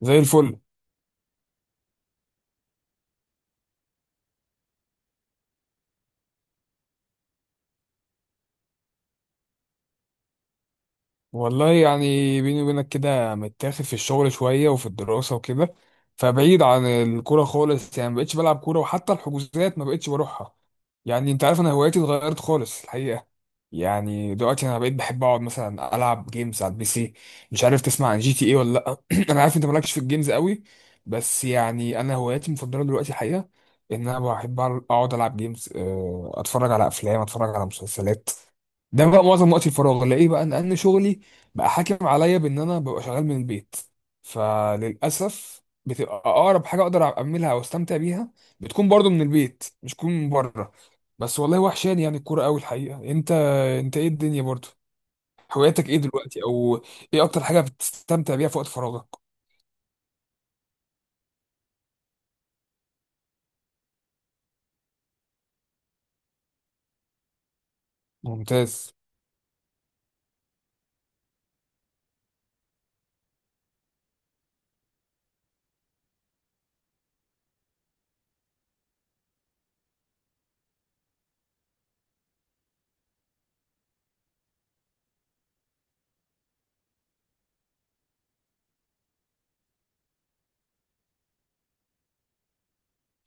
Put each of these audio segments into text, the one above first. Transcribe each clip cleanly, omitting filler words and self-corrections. زي الفل. والله يعني بيني وبينك كده متاخد في الشغل شوية وفي الدراسة وكده، فبعيد عن الكورة خالص. يعني ما بقتش بلعب كورة وحتى الحجوزات ما بقتش بروحها. يعني انت عارف انا هواياتي اتغيرت خالص الحقيقة. يعني دلوقتي انا بقيت بحب اقعد مثلا العب جيمز على البي سي. مش عارف تسمع عن جي تي ايه ولا لا؟ انا عارف انت مالكش في الجيمز قوي. بس يعني انا هواياتي المفضلة دلوقتي الحقيقة ان انا بحب اقعد العب جيمز، اتفرج على افلام، اتفرج على مسلسلات. ده بقى معظم وقت الفراغ الاقيه، بقى ان شغلي بقى حاكم عليا بان انا ببقى شغال من البيت. فللاسف بتبقى اقرب حاجه اقدر اعملها او استمتع بيها بتكون برضو من البيت مش تكون من بره. بس والله وحشاني يعني الكوره قوي الحقيقه. انت ايه الدنيا برضو؟ هواياتك ايه دلوقتي، او ايه اكتر حاجه بتستمتع بيها في وقت فراغك؟ ممتاز.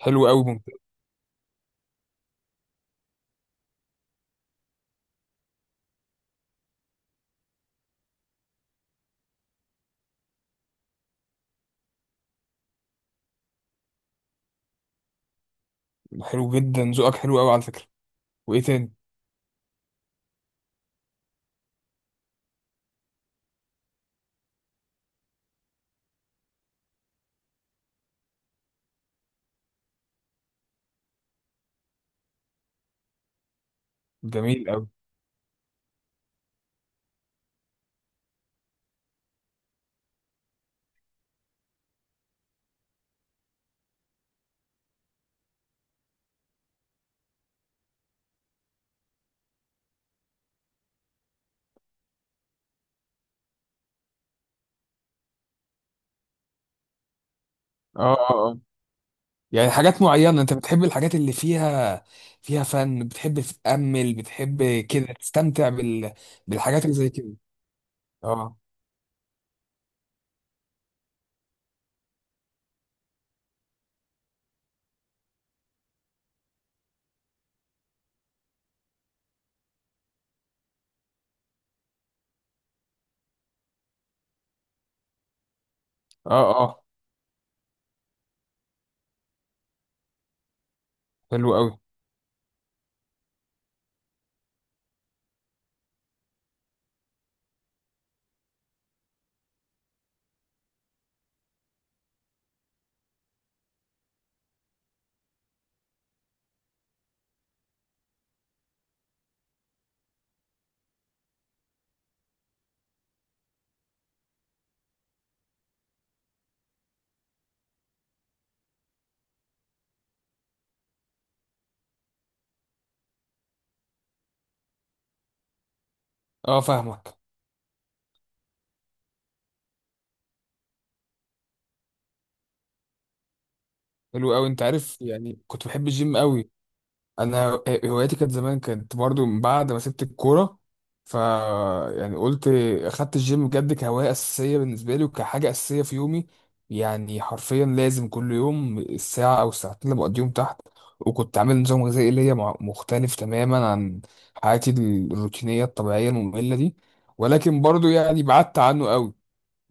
حلو قوي، ممتاز. حلو جدا، ذوقك حلو قوي على فكره. وايه تاني؟ جميل قوي. اه اه. يعني حاجات معينة انت بتحب الحاجات اللي فيها، فيها فن، بتحب تتأمل، بتحب كده تستمتع بالحاجات اللي زي كده. اه. اه اه. حلو قوي. اه، فاهمك. حلو قوي، انت عارف يعني كنت بحب الجيم قوي. انا هوايتي كانت زمان، كانت برضو من بعد ما سبت الكوره. ف يعني قلت اخدت الجيم بجد كهوايه اساسيه بالنسبه لي وكحاجه اساسيه في يومي. يعني حرفيا لازم كل يوم الساعه او الساعتين اللي بقضيهم تحت. وكنت عامل نظام غذائي ليا مختلف تماما عن حياتي الروتينيه الطبيعيه الممله دي. ولكن برضو يعني بعدت عنه قوي.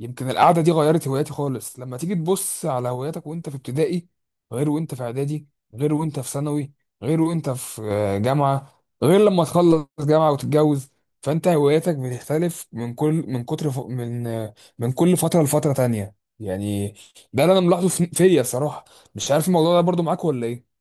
يمكن القعدة دي غيرت هواياتي خالص. لما تيجي تبص على هواياتك وانت في ابتدائي، غير وانت في اعدادي، غير وانت في ثانوي، غير وانت في جامعة، غير لما تخلص جامعة وتتجوز. فانت هواياتك بتختلف من كل من كتر ف... من آه، من كل فترة لفترة تانية يعني. ده اللي انا ملاحظه فيا الصراحة. مش عارف الموضوع ده برضو معاك ولا ايه؟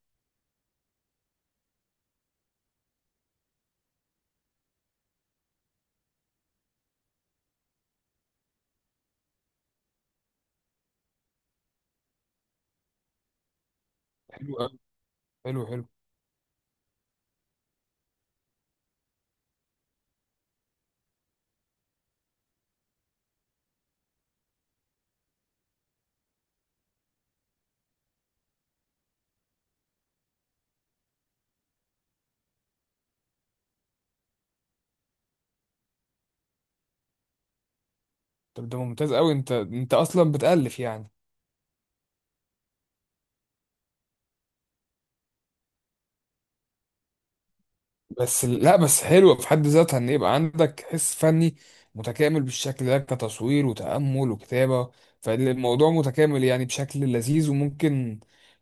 حلو قوي. حلو، حلو. طب ده ممتاز قوي. انت اصلا بتألف يعني؟ بس لا بس حلوة في حد ذاتها ان يبقى عندك حس فني متكامل بالشكل ده، كتصوير وتأمل وكتابة. فالموضوع متكامل يعني بشكل لذيذ، وممكن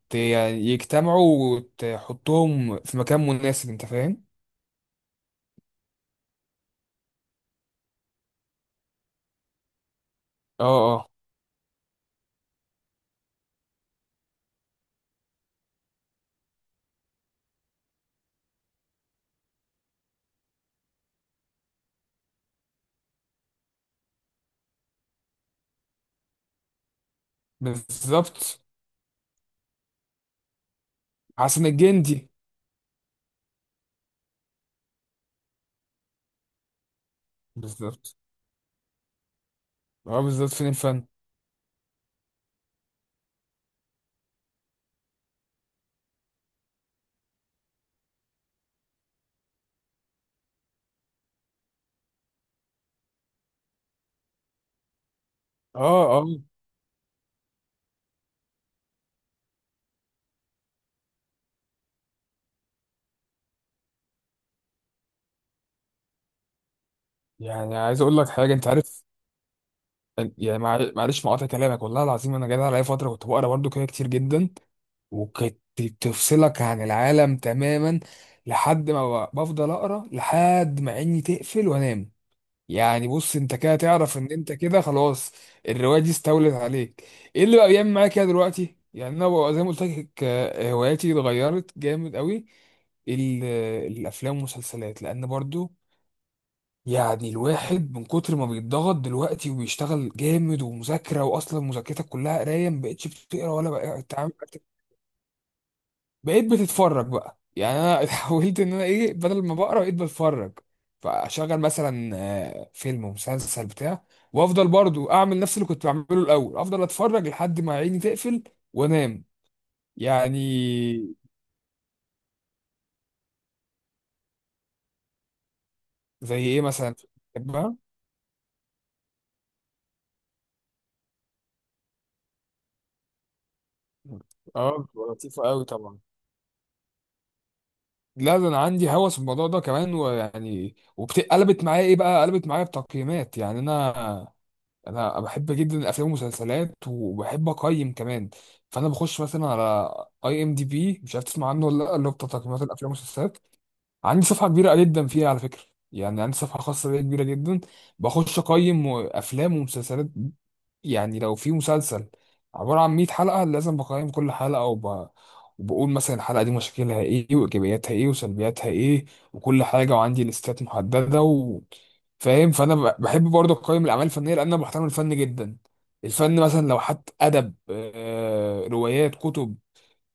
يعني يجتمعوا وتحطهم في مكان مناسب. انت فاهم؟ اه اه. بالظبط. حسن الجندي. بالظبط. اه، بالظبط، فين الفن؟ اه اه. يعني عايز اقول لك حاجة، انت عارف، يعني معلش مقاطع كلامك. والله العظيم انا جاي عليا فترة كنت بقرا برضو كده كتير جدا، وكانت تفصلك عن العالم تماما. لحد ما بفضل اقرا لحد ما عيني تقفل وانام. يعني بص انت كده تعرف ان انت كده خلاص الروايه دي استولت عليك. ايه اللي بقى بيعمل معايا كده دلوقتي؟ يعني انا بقى زي ما قلت لك، هواياتي اتغيرت جامد قوي. ال- الافلام والمسلسلات، لان برضو يعني الواحد من كتر ما بيتضغط دلوقتي وبيشتغل جامد ومذاكره، واصلا مذاكرتك كلها قرايه، ما بقتش بتقرا ولا بقى. بقيت بتتفرج بقى. يعني انا حاولت ان انا ايه، بدل ما بقرا بقيت بتفرج. فاشغل مثلا فيلم ومسلسل بتاع. وافضل برضو اعمل نفس اللي كنت بعمله الاول، افضل اتفرج لحد ما عيني تقفل وانام يعني. زي ايه مثلا بحبها؟ اه، بتبقى لطيفة قوي طبعا. لا ده انا عندي هوس الموضوع ده كمان. ويعني وقلبت معايا ايه بقى، قلبت معايا بتقييمات. يعني انا بحب جدا الافلام والمسلسلات، وبحب اقيم كمان. فانا بخش مثلا على اي ام دي بي، مش عارف تسمع عنه ولا لا؟ اللي هو بتاع تقييمات الافلام والمسلسلات. عندي صفحة كبيرة جدا فيها على فكرة. يعني عندي صفحة خاصة بيا كبيرة جدا، بخش أقيم أفلام ومسلسلات. يعني لو في مسلسل عبارة عن 100 حلقة، لازم بقيم كل حلقة وبقول مثلا الحلقة دي مشاكلها إيه وإيجابياتها إيه وسلبياتها إيه وكل حاجة. وعندي ليستات محددة فاهم. فأنا بحب برضه أقيم الأعمال الفنية، لأن أنا بحترم الفن جدا. الفن، مثلا لو حتى أدب، روايات، كتب،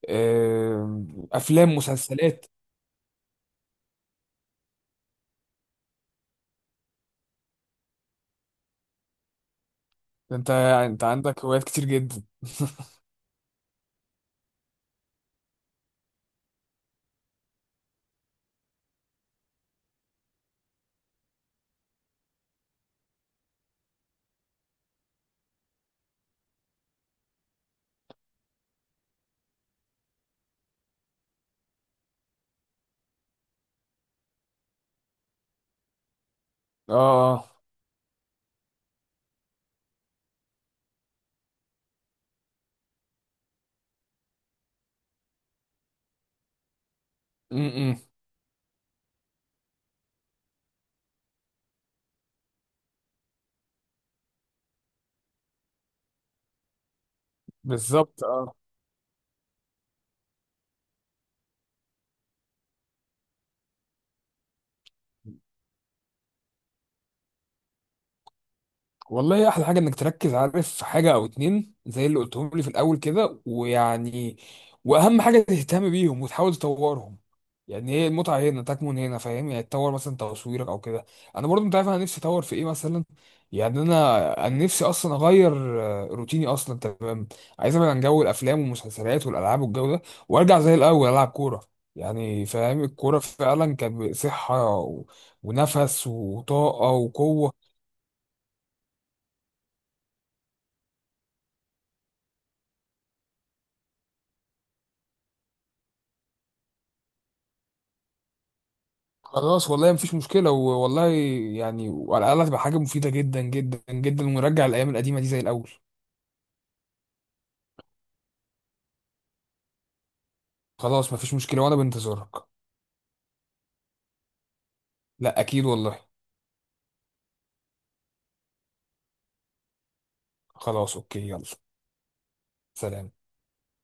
آه، أفلام، مسلسلات. ده انت عندك هوايات كتير جدا اه اه. م- م. بالظبط. اه. والله احلى حاجه انك تركز، عارف، في حاجه او اتنين زي اللي قلتهم لي في الاول كده. ويعني واهم حاجه تهتم بيهم وتحاول تطورهم. يعني هي المتعه هنا تكمن هنا، فاهم؟ يعني تطور مثلا تصويرك او كده. انا برضو انت عارف انا نفسي اطور في ايه مثلا. يعني انا نفسي اصلا اغير روتيني اصلا. تمام. عايز ابعد عن جو الافلام والمسلسلات والالعاب والجو ده، وارجع زي الاول العب كوره. يعني فاهم الكوره فعلا كانت صحه ونفس وطاقه وقوه. خلاص والله مفيش مشكلة والله. يعني وعلى الأقل هتبقى حاجة مفيدة جدا جدا جدا، ونرجع الأيام القديمة دي زي الأول. خلاص مفيش مشكلة وأنا بنتظرك. لا أكيد والله. خلاص أوكي، يلا سلام.